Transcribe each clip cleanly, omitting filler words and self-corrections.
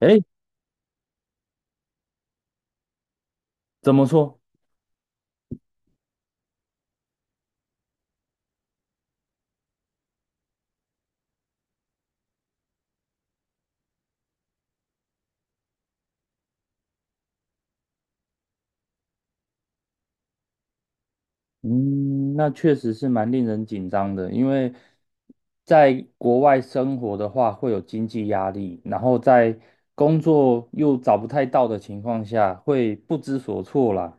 哎，怎么说？嗯，那确实是蛮令人紧张的，因为在国外生活的话，会有经济压力，然后在工作又找不太到的情况下，会不知所措啦。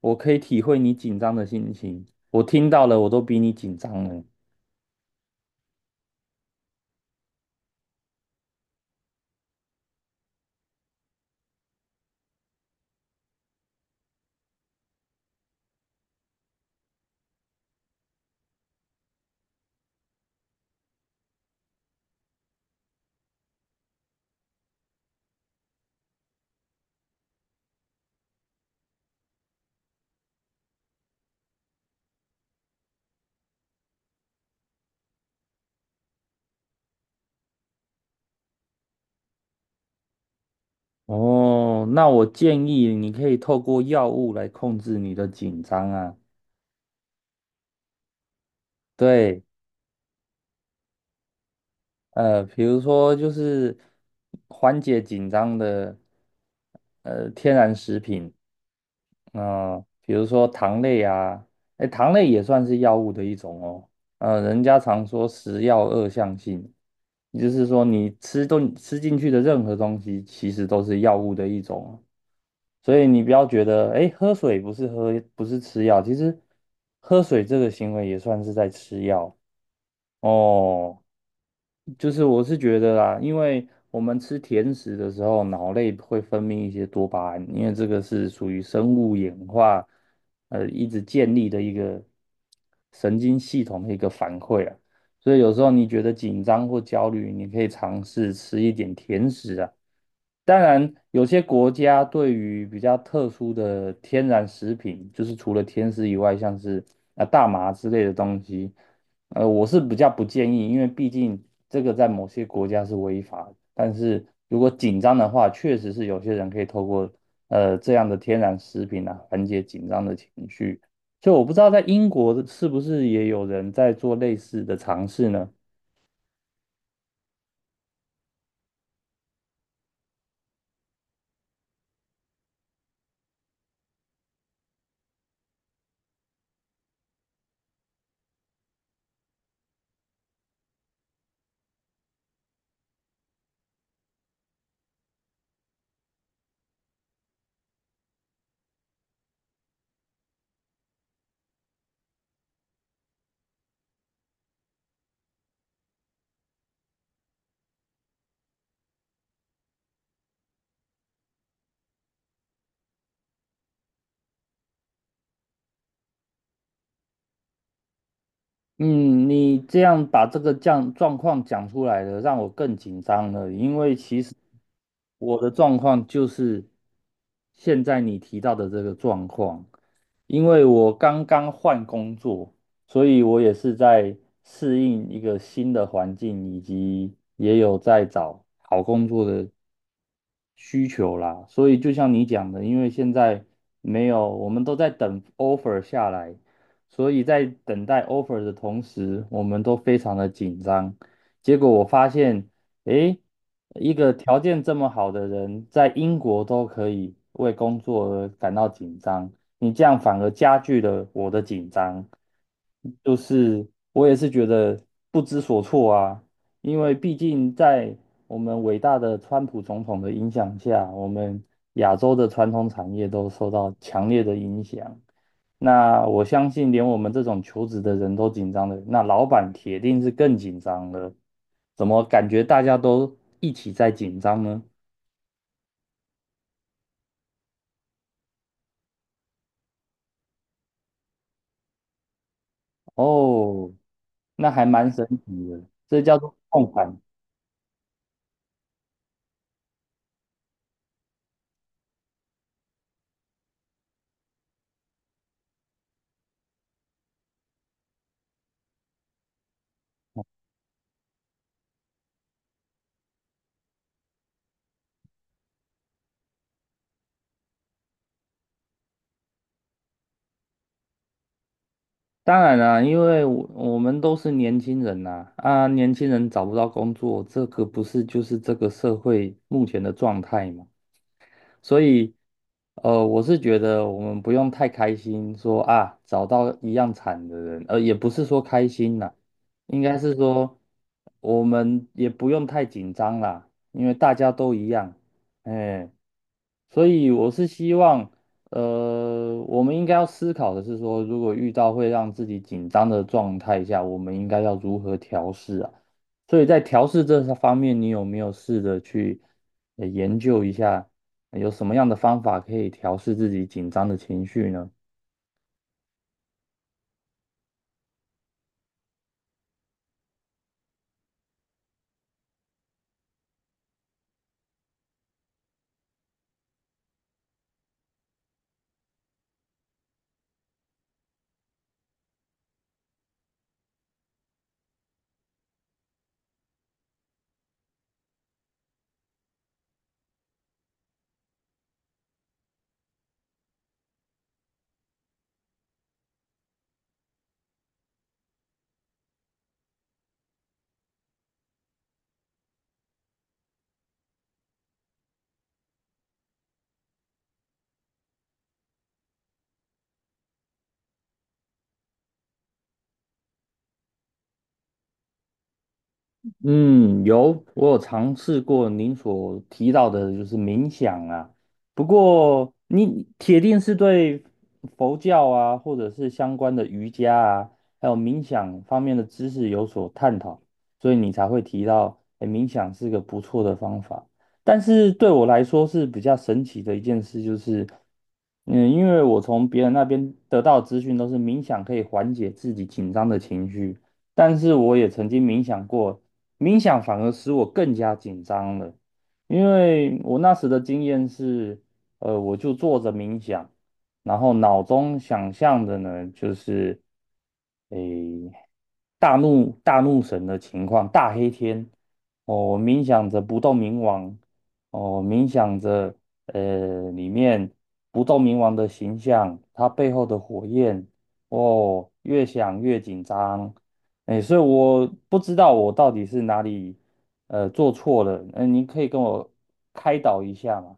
我可以体会你紧张的心情，我听到了，我都比你紧张了。哦，那我建议你可以透过药物来控制你的紧张啊。对。比如说就是缓解紧张的天然食品，嗯、比如说糖类啊，哎，糖类也算是药物的一种哦。人家常说食药二相性，也就是说你吃东吃进去的任何东西，其实都是药物的一种。所以你不要觉得，哎，喝水不是喝，不是吃药，其实喝水这个行为也算是在吃药哦。就是我是觉得啦，因为我们吃甜食的时候，脑内会分泌一些多巴胺，因为这个是属于生物演化，一直建立的一个神经系统的一个反馈啊。所以有时候你觉得紧张或焦虑，你可以尝试吃一点甜食啊。当然，有些国家对于比较特殊的天然食品，就是除了天丝以外，像是啊大麻之类的东西，我是比较不建议，因为毕竟这个在某些国家是违法的。但是如果紧张的话，确实是有些人可以透过这样的天然食品啊缓解紧张的情绪。所以我不知道在英国是不是也有人在做类似的尝试呢？嗯，你这样把这个状况讲出来了，让我更紧张了。因为其实我的状况就是现在你提到的这个状况，因为我刚刚换工作，所以我也是在适应一个新的环境，以及也有在找好工作的需求啦，所以就像你讲的，因为现在没有，我们都在等 offer 下来，所以在等待 offer 的同时，我们都非常的紧张。结果我发现，诶，一个条件这么好的人，在英国都可以为工作而感到紧张，你这样反而加剧了我的紧张，就是我也是觉得不知所措啊。因为毕竟在我们伟大的川普总统的影响下，我们亚洲的传统产业都受到强烈的影响。那我相信，连我们这种求职的人都紧张的，那老板铁定是更紧张了。怎么感觉大家都一起在紧张呢？哦，那还蛮神奇的，这叫做共感。当然啦，因为我们都是年轻人呐，啊，年轻人找不到工作，这个不是就是这个社会目前的状态吗？所以，我是觉得我们不用太开心说，啊找到一样惨的人，也不是说开心啦，应该是说我们也不用太紧张啦，因为大家都一样，哎，所以我是希望，我们应该要思考的是说，如果遇到会让自己紧张的状态下，我们应该要如何调试啊？所以在调试这方面，你有没有试着去研究一下？有什么样的方法可以调试自己紧张的情绪呢？嗯，有，我有尝试过您所提到的，就是冥想啊。不过，你铁定是对佛教啊，或者是相关的瑜伽啊，还有冥想方面的知识有所探讨，所以你才会提到，诶冥想是个不错的方法。但是对我来说是比较神奇的一件事，就是，因为我从别人那边得到的资讯都是冥想可以缓解自己紧张的情绪。但是我也曾经冥想过，冥想反而使我更加紧张了，因为我那时的经验是，我就坐着冥想，然后脑中想象的呢，就是，诶，大怒神的情况，大黑天，哦，我冥想着不动明王，哦，冥想着，里面不动明王的形象，它背后的火焰，哦，越想越紧张。哎，所以我不知道我到底是哪里做错了，您可以跟我开导一下吗？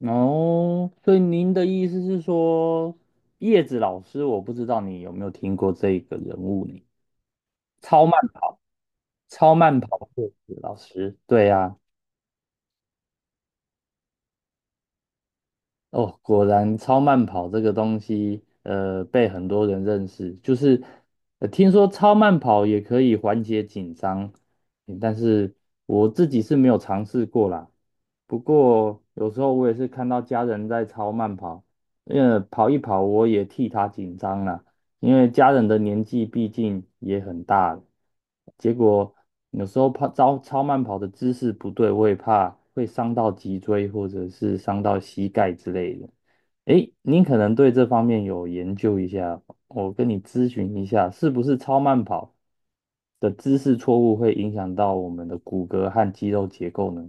哦，所以您的意思是说，叶子老师，我不知道你有没有听过这个人物呢？超慢跑，超慢跑叶子老师，对呀。哦，果然超慢跑这个东西，被很多人认识。就是，听说超慢跑也可以缓解紧张，但是我自己是没有尝试过啦。不过有时候我也是看到家人在超慢跑，因为跑一跑我也替他紧张啦。因为家人的年纪毕竟也很大了，结果有时候跑超慢跑的姿势不对，我也怕会伤到脊椎或者是伤到膝盖之类的。诶，您可能对这方面有研究一下，我跟你咨询一下，是不是超慢跑的姿势错误会影响到我们的骨骼和肌肉结构呢？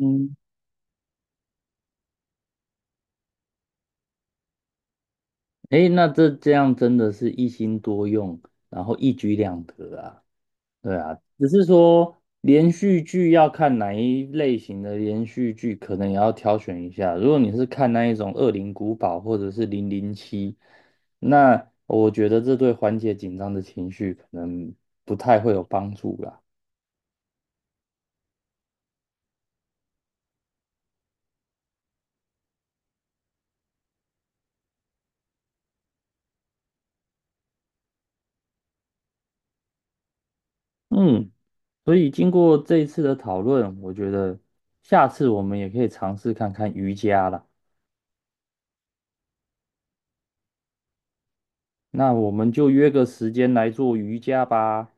嗯，诶，那这样真的是一心多用，然后一举两得啊。对啊，只是说连续剧要看哪一类型的连续剧，可能也要挑选一下。如果你是看那一种《恶灵古堡》或者是《007》，那我觉得这对缓解紧张的情绪可能不太会有帮助啦。嗯，所以经过这一次的讨论，我觉得下次我们也可以尝试看看瑜伽啦。那我们就约个时间来做瑜伽吧。